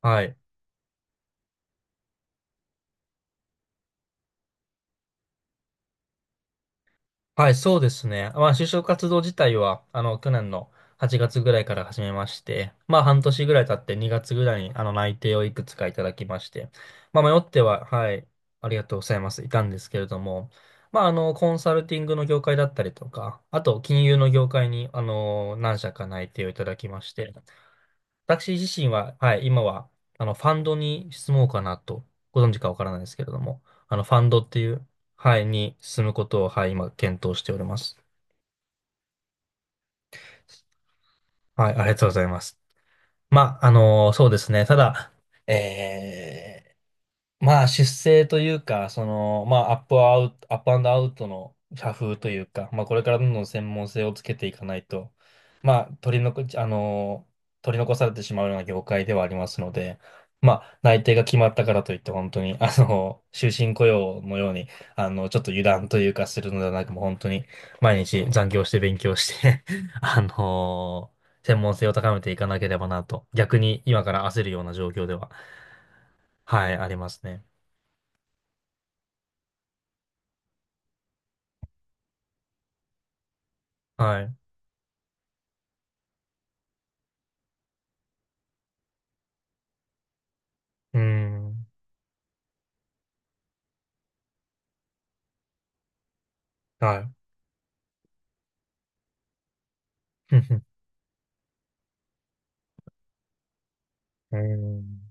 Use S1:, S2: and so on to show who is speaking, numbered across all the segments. S1: はい。はい、そうですね。まあ、就職活動自体は、去年の8月ぐらいから始めまして、まあ、半年ぐらい経って2月ぐらいに、内定をいくつかいただきまして、まあ、迷っては、はい、ありがとうございます、いたんですけれども、まあ、コンサルティングの業界だったりとか、あと、金融の業界に、何社か内定をいただきまして、私自身は、はい、今は、ファンドに質問かなと、ご存知かわからないですけれども、ファンドっていう、はい、に進むことを、はい、今、検討しております。はい、ありがとうございます。まあ、そうですね。ただ、えーまあ、出世というか、その、まあ、アップアンドアウトの社風というか、まあ、これからどんどん専門性をつけていかないと、まあ、取り残されてしまうような業界ではありますので、まあ、内定が決まったからといって、本当に、終身雇用のように、ちょっと油断というかするのではなく、もう本当に、毎日残業して勉強して あの、専門性を高めていかなければなと、逆に今から焦るような状況では、はい、ありますね。はい。うーん。はい。ふんふん。うーん。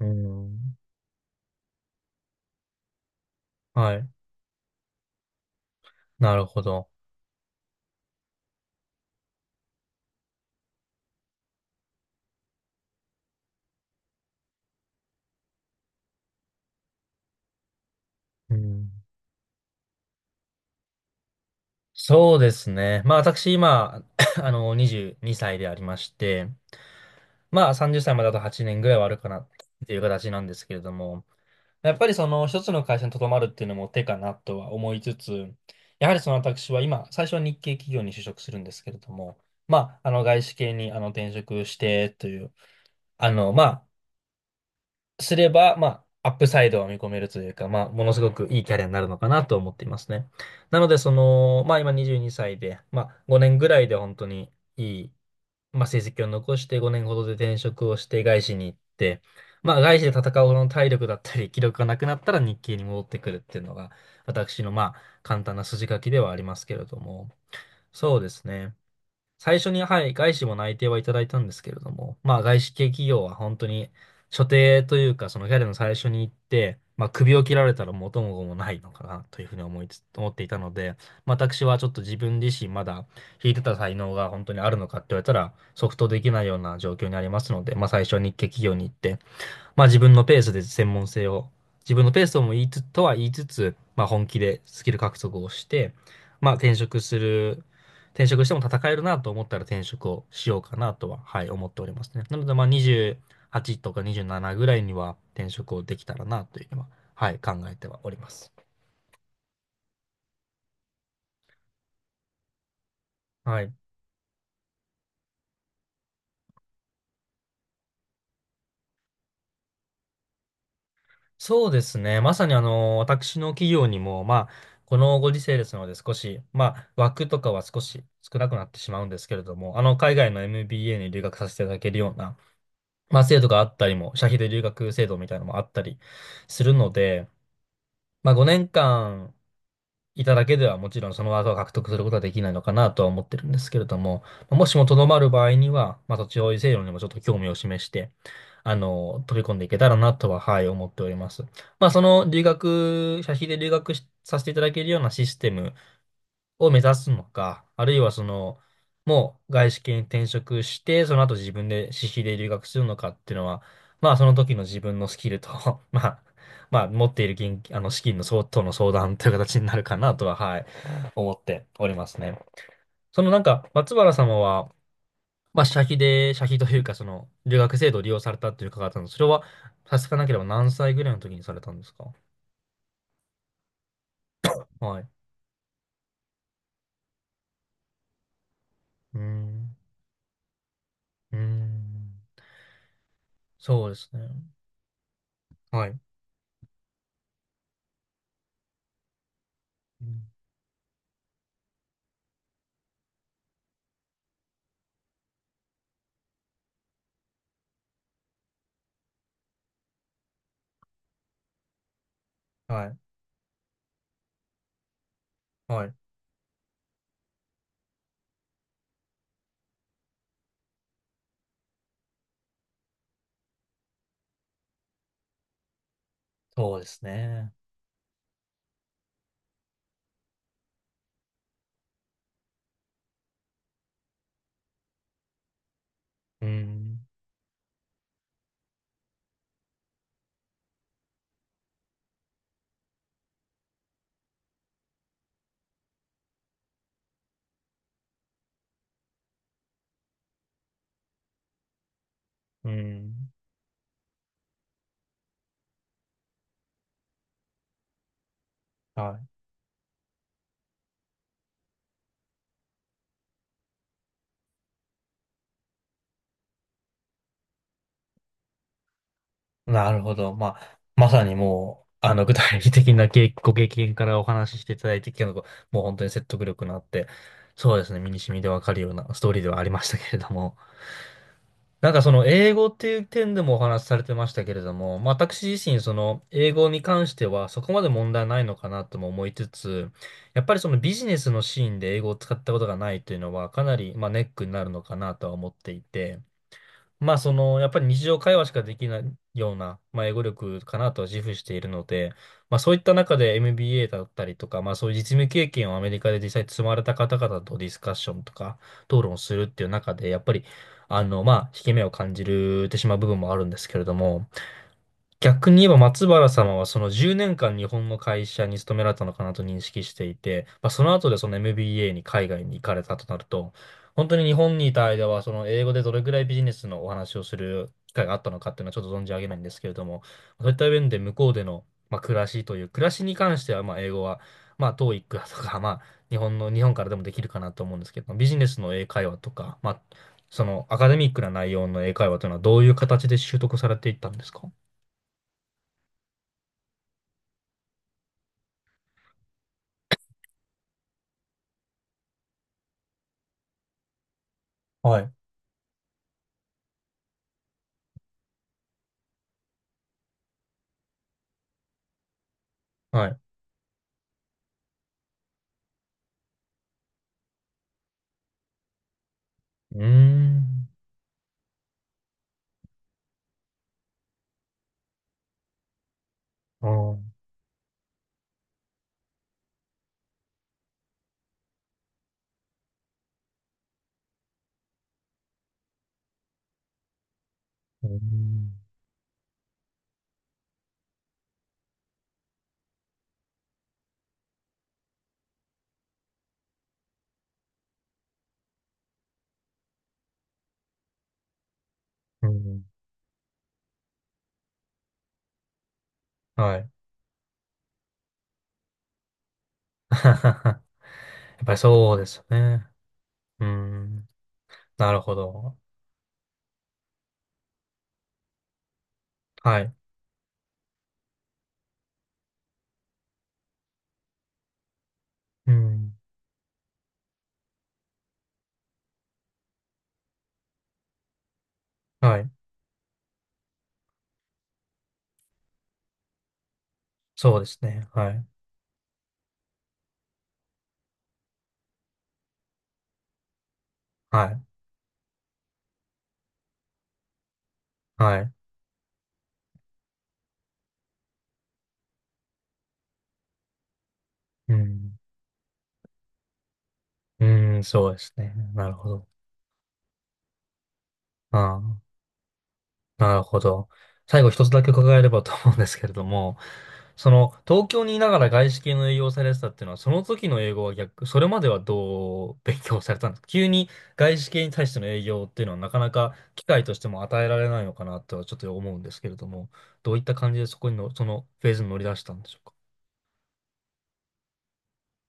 S1: うーん。はい。なるほど。うん。そうですね。まあ私今、22歳でありまして、まあ30歳まであと8年ぐらいはあるかなっていう形なんですけれども、やっぱりその一つの会社に留まるっていうのも手かなとは思いつつ、やはりその私は今、最初は日系企業に就職するんですけれども、まあ、外資系に転職してという、あの、ますれば、まあ、アップサイドは見込めるというか、まあ、ものすごくいいキャリアになるのかなと思っていますね。なので、その、まあ、今22歳で、まあ、5年ぐらいで本当にいい、まあ、成績を残して5年ほどで転職をして外資に行って、まあ、外資で戦うほどの体力だったり、気力がなくなったら日系に戻ってくるっていうのが、私の、まあ、簡単な筋書きではありますけれども、そうですね。最初に、はい、外資も内定はいただいたんですけれども、まあ外資系企業は本当に所定というか、そのキャリアの最初に行って、まあ首を切られたら元も子もないのかなというふうに思いつ、思っていたので、まあ私はちょっと自分自身まだ引いてた才能が本当にあるのかって言われたら、即答できないような状況にありますので、まあ最初は日系企業に行って、まあ自分のペースで専門性を、自分のペースとも言いつ、とは言いつつ、まあ本気でスキル獲得をして、まあ転職する、転職しても戦えるなと思ったら転職をしようかなとは、はい、思っておりますね。なのでまあ28とか27ぐらいには転職をできたらなというのは、はい、考えてはおります。はい。そうですね。まさに私の企業にも、まあ、このご時世ですので少し、まあ、枠とかは少し少なくなってしまうんですけれども、海外の MBA に留学させていただけるような、まあ、制度があったりも、社費で留学制度みたいなのもあったりするので、まあ、5年間いただけではもちろんその技を獲得することはできないのかなとは思ってるんですけれども、まあもしもとどまる場合には、まあ、土地保有制度にもちょっと興味を示して、飛び込んでいけたらなとは、はい、思っております。まあ、その留学、社費で留学しさせていただけるようなシステムを目指すのか、あるいはその、もう外資系に転職して、その後自分で私費で留学するのかっていうのは、まあその時の自分のスキルと まあ、まあ持っている現金、資金の相当の相談という形になるかなとは、はい、思っておりますね。そのなんか、松原様は、まあ、社費というか、その、留学制度を利用されたっていう伺ったので、それは、さすがなければ何歳ぐらいの時にされたんですか？はい。うーん。うーん。そうですね。はい。うん。はい。はい。そうですね。うん。うん。はい。なるほど。まあ、まさにもう、具体的な経ご経験からお話ししていただいてきたのが、もう本当に説得力のあって、そうですね、身に染みでわかるようなストーリーではありましたけれども。なんかその英語っていう点でもお話しされてましたけれども、まあ、私自身その英語に関してはそこまで問題ないのかなとも思いつつ、やっぱりそのビジネスのシーンで英語を使ったことがないというのはかなりまあネックになるのかなとは思っていて、まあ、その、やっぱり日常会話しかできないような、まあ、英語力かなとは自負しているので、まあ、そういった中で MBA だったりとか、まあ、そういう実務経験をアメリカで実際積まれた方々とディスカッションとか、討論をするっていう中で、やっぱり、まあ、引け目を感じるてしまう部分もあるんですけれども、逆に言えば松原様はその10年間日本の会社に勤められたのかなと認識していて、まあ、その後でその MBA に海外に行かれたとなると、本当に日本にいた間はその英語でどれぐらいビジネスのお話をする機会があったのかっていうのはちょっと存じ上げないんですけれども、そういった面で向こうでの、まあ、暮らしに関してはまあ英語は、まあトーイックだとか、まあ日本からでもできるかなと思うんですけど、ビジネスの英会話とか、まあそのアカデミックな内容の英会話というのはどういう形で習得されていったんですか？はい。はい。うーん。あー、うーん。うん。はい。やっぱりそうですよね。うーん。なるほど。はい。うん。はい。そうですね。はい。はい。はい。うん。うーん、そうですね。なるほど。ああ、なるほど。最後一つだけ伺えればと思うんですけれども、その東京にいながら外資系の営業をされてたっていうのは、その時の英語は逆、それまではどう勉強されたんですか？急に外資系に対しての営業っていうのはなかなか機会としても与えられないのかなとはちょっと思うんですけれども、どういった感じでそのフェーズに乗り出したんでしょう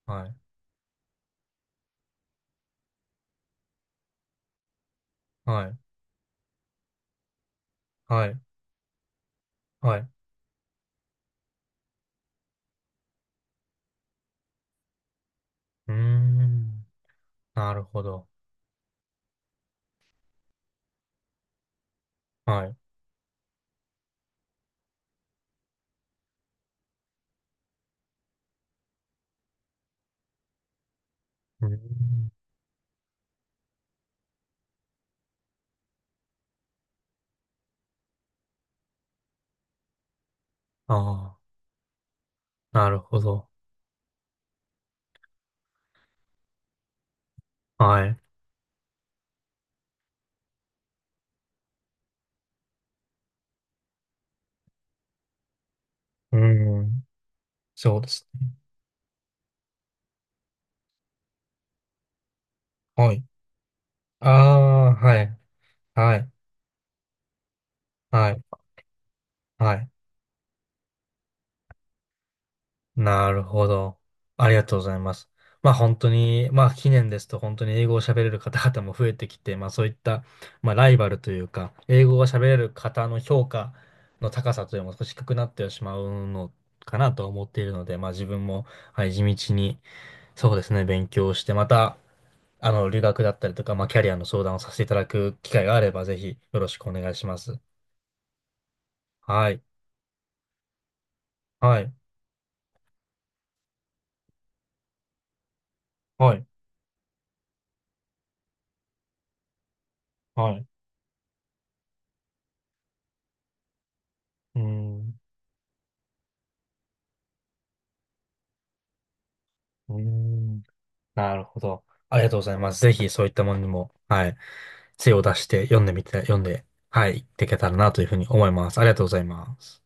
S1: か？はい。はい。はい。はい。うーん。なるほど。はい。うーん。ああ、なるほど。はい。うーん。そうですね。はい。ああ、はい。はい。はい。はい。なるほど。ありがとうございます。まあ本当に、まあ近年ですと本当に英語を喋れる方々も増えてきて、まあそういった、まあライバルというか、英語が喋れる方の評価の高さというのも少し低くなってしまうのかなと思っているので、まあ自分も、はい、地道に、そうですね、勉強して、また、留学だったりとか、まあキャリアの相談をさせていただく機会があれば、ぜひよろしくお願いします。はい。はい。はい、はい。うーん。うーん。なるほど。ありがとうございます。ぜひそういったものにも、はい、精を出して読んでみて、読んで、はい、いっていけたらなというふうに思います。ありがとうございます。